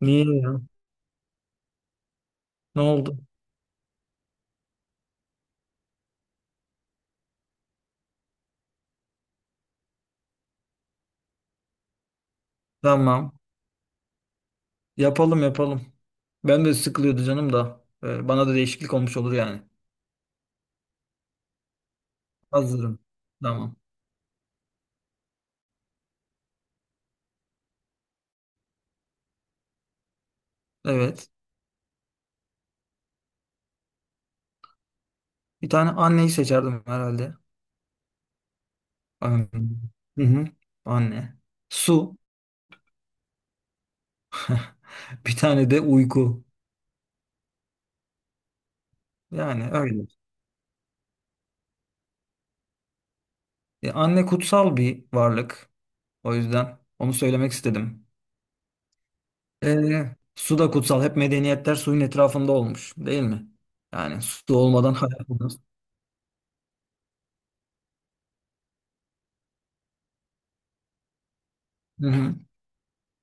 Niye ya? Ne oldu? Tamam. Yapalım yapalım. Ben de sıkılıyordu canım da. Bana da değişiklik olmuş olur yani. Hazırım. Tamam. Evet. Bir tane anneyi seçerdim herhalde. Anne. Hı hı. Anne. Su. Bir tane de uyku. Yani öyle. Anne kutsal bir varlık. O yüzden onu söylemek istedim. Su da kutsal. Hep medeniyetler suyun etrafında olmuş, değil mi? Yani su olmadan hayat olmaz. Hı hı.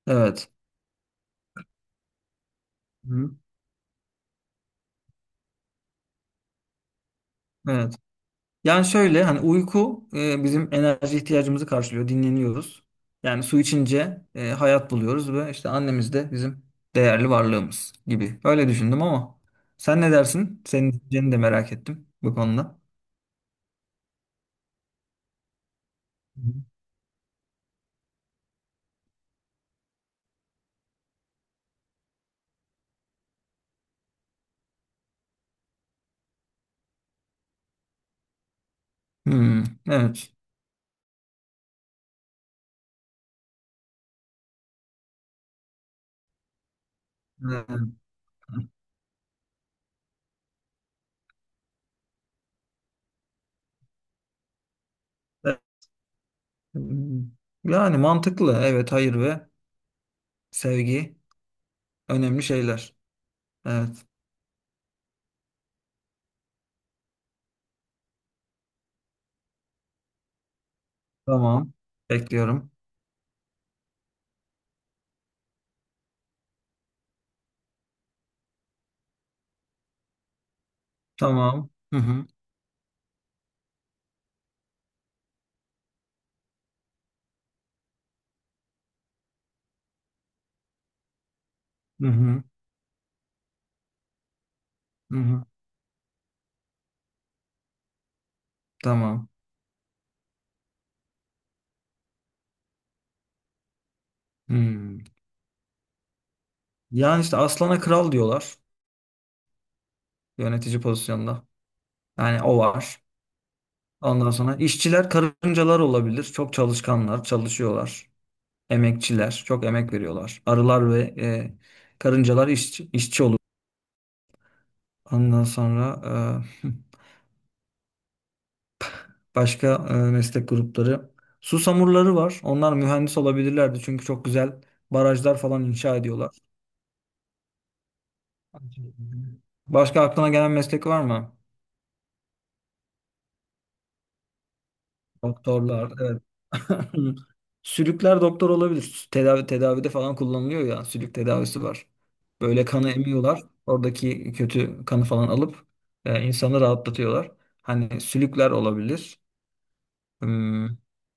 Evet. Hı. Evet. Yani şöyle hani uyku bizim enerji ihtiyacımızı karşılıyor. Dinleniyoruz. Yani su içince hayat buluyoruz ve işte annemiz de bizim değerli varlığımız gibi. Öyle düşündüm ama sen ne dersin? Senin düşünceni de merak ettim bu konuda. Hmm, evet. Evet. Yani mantıklı. Evet, hayır ve sevgi önemli şeyler. Evet. Tamam. Bekliyorum. Tamam. Hı hı. Hı hı. Hı hı. Tamam. Hmm. Yani işte aslana kral diyorlar, yönetici pozisyonda. Yani o var. Ondan sonra işçiler karıncalar olabilir. Çok çalışkanlar, çalışıyorlar. Emekçiler, çok emek veriyorlar. Arılar ve karıncalar işçi olur. Ondan sonra e, başka meslek grupları. Su samurları var. Onlar mühendis olabilirlerdi. Çünkü çok güzel barajlar falan inşa ediyorlar. Başka aklına gelen meslek var mı? Doktorlar, evet. Sülükler doktor olabilir. Tedavide falan kullanılıyor ya. Sülük tedavisi var. Böyle kanı emiyorlar. Oradaki kötü kanı falan alıp insanı rahatlatıyorlar. Hani sülükler olabilir. Hmm.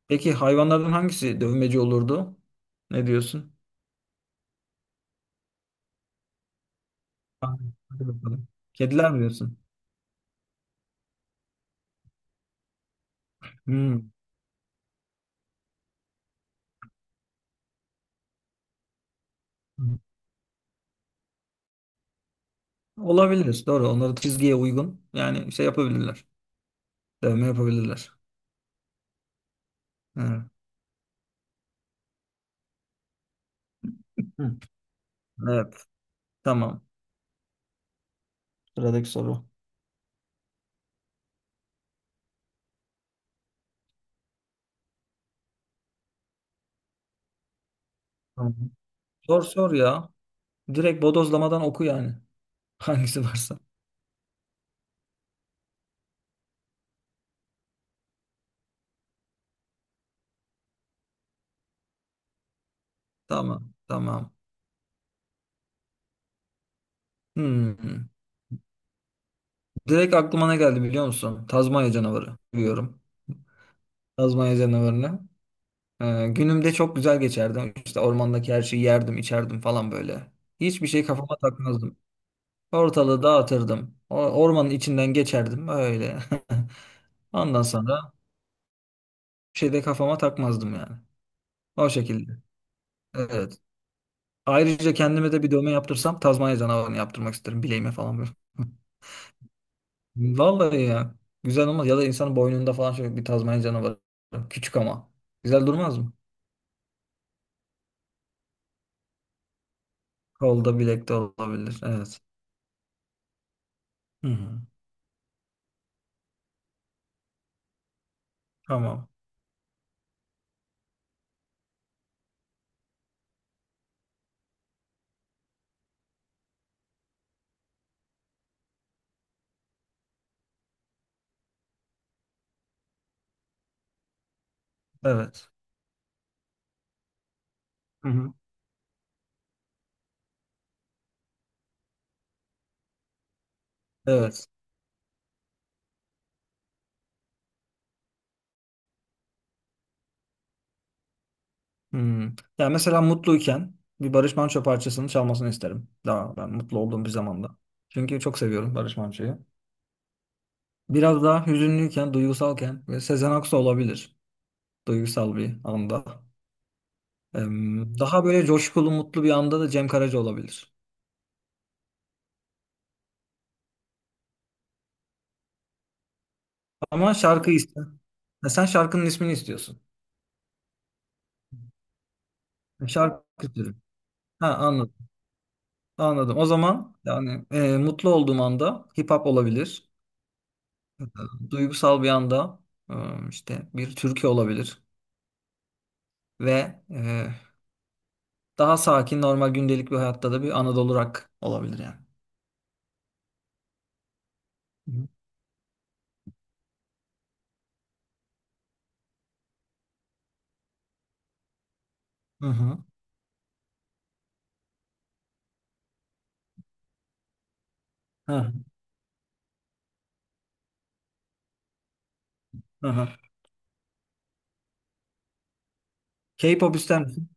Peki hayvanlardan hangisi dövmeci olurdu? Ne diyorsun? Ha, hadi bakalım. Kediler mi diyorsun? Hmm. Olabilir. Doğru. Onları çizgiye uygun. Yani şey yapabilirler. Dövme yapabilirler. Evet. Hı. Evet. Tamam. Sıradaki soru. Tamam. Sor sor ya. Direkt bodozlamadan oku yani. Hangisi varsa. Tamam. Tamam. Hmm. Direkt aklıma ne geldi biliyor musun? Tazmanya canavarı. Biliyorum. Tazmanya canavarını. Günümde çok güzel geçerdim. İşte ormandaki her şeyi yerdim, içerdim falan böyle. Hiçbir şey kafama takmazdım. Ortalığı dağıtırdım. O, ormanın içinden geçerdim öyle. Ondan sonra bir şey de kafama takmazdım yani. O şekilde. Evet. Ayrıca kendime de bir dövme yaptırsam Tazmanya canavarını yaptırmak isterim bileğime falan böyle. Vallahi ya. Güzel olmaz. Ya da insanın boynunda falan şöyle bir Tazmanya canavarı. Küçük ama. Güzel durmaz mı? Kolda bilekte olabilir. Evet. Hı hı. Tamam. Evet. Hı hı. Evet. Hı. Ya mesela mutluyken bir Barış Manço parçasını çalmasını isterim. Daha ben mutlu olduğum bir zamanda. Çünkü çok seviyorum Barış Manço'yu. Biraz daha hüzünlüyken, duygusalken ve Sezen Aksu olabilir. Duygusal bir anda. Ee, Daha böyle coşkulu, mutlu bir anda da Cem Karaca olabilir. Ama şarkı iste. Ha, sen şarkının ismini istiyorsun. Şarkı istiyorum. Ha, anladım. Anladım. O zaman yani mutlu olduğum anda hip hop olabilir. E, Duygusal bir anda e, işte bir türkü olabilir ve daha sakin normal gündelik bir hayatta da bir Anadolu rock olabilir yani. Hı hı. Hı hı. Hı. K-pop ister misin?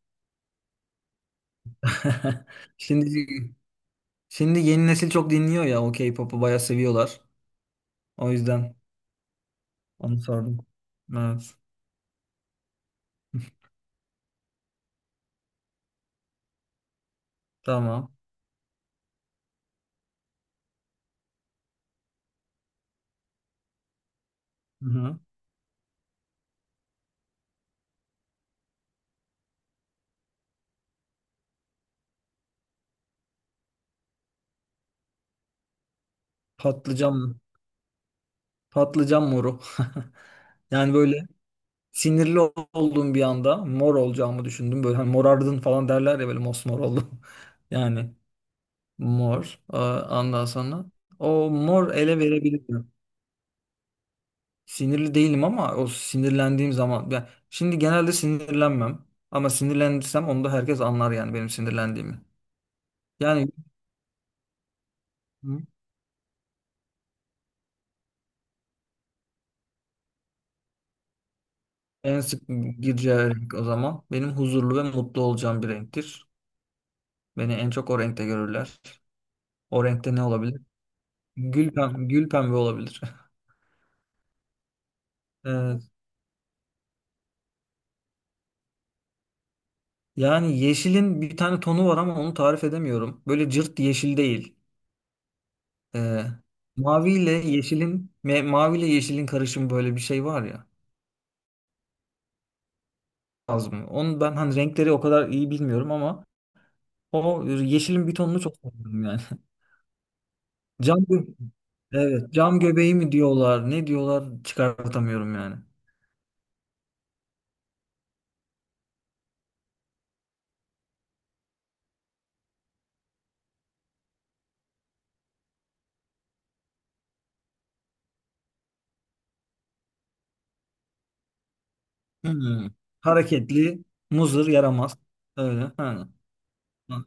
Şimdi şimdi yeni nesil çok dinliyor ya, o K-pop'u bayağı seviyorlar. O yüzden onu sordum. Evet. Tamam. Hı-hı. Patlıcan mı? Patlıcan moru. Yani böyle sinirli olduğum bir anda mor olacağımı düşündüm. Böyle hani morardın falan derler ya, böyle mosmor oldum. Yani mor. Aa, ondan sonra o mor ele verebilirim. Sinirli değilim ama o sinirlendiğim zaman. Yani şimdi genelde sinirlenmem. Ama sinirlendirsem onu da herkes anlar yani benim sinirlendiğimi. Yani en sık gireceği renk o zaman. Benim huzurlu ve mutlu olacağım bir renktir. Beni en çok o renkte görürler. O renkte ne olabilir? Gül pembe, gül pembe olabilir. Evet. Yani yeşilin bir tane tonu var ama onu tarif edemiyorum. Böyle cırt yeşil değil. Ee, mavi ile yeşilin karışımı böyle bir şey var ya. Az mı? Onu ben hani renkleri o kadar iyi bilmiyorum ama o yeşilin bir tonunu çok seviyorum yani. Cam gö- evet, cam göbeği mi diyorlar, ne diyorlar, çıkartamıyorum yani. Hmm. Hareketli, muzır, yaramaz. Öyle. Ha. Ha.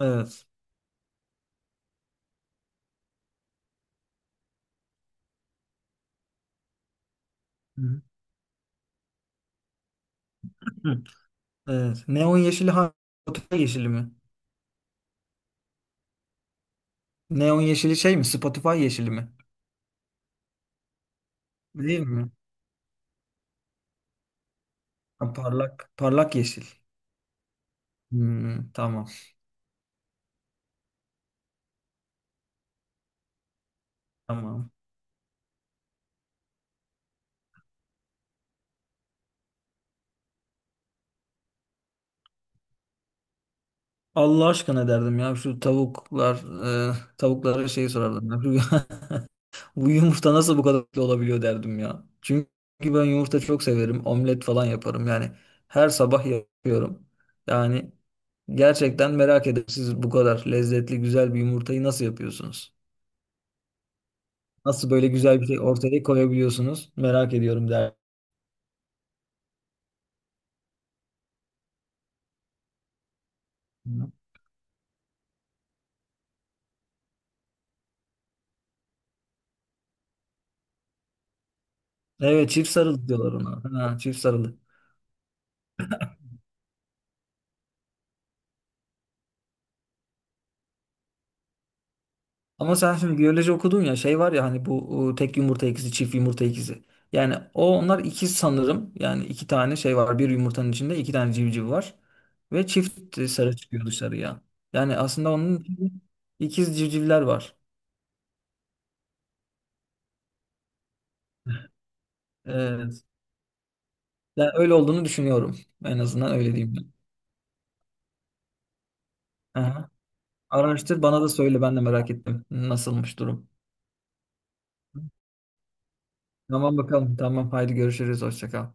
Evet. Hı. Hı. Evet. Spotify yeşili mi? Neon yeşili şey mi? Spotify yeşili mi? Değil mi? Ha, parlak parlak yeşil. Hmm, tamam. Tamam. Allah aşkına derdim ya, şu tavuklar e, tavuklara şey sorardım. Bu yumurta nasıl bu kadar lezzetli olabiliyor derdim ya. Çünkü ben yumurta çok severim. Omlet falan yaparım. Yani her sabah yapıyorum. Yani gerçekten merak ederim, siz bu kadar lezzetli güzel bir yumurtayı nasıl yapıyorsunuz? Nasıl böyle güzel bir şey ortaya koyabiliyorsunuz? Merak ediyorum derdim. Evet, çift sarılı diyorlar ona. Ha, çift sarılı. Ama sen şimdi biyoloji okudun ya, şey var ya, hani bu tek yumurta ikizi, çift yumurta ikizi. Yani o onlar ikiz sanırım. Yani iki tane şey var. Bir yumurtanın içinde iki tane civciv var. Ve çift sarı çıkıyor dışarıya. Yani aslında onun içinde ikiz civcivler var. Evet. Yani öyle olduğunu düşünüyorum. En azından öyle diyeyim ben. Aha. Araştır, bana da söyle, ben de merak ettim. Nasılmış durum. Tamam bakalım. Tamam, haydi görüşürüz. Hoşça kal.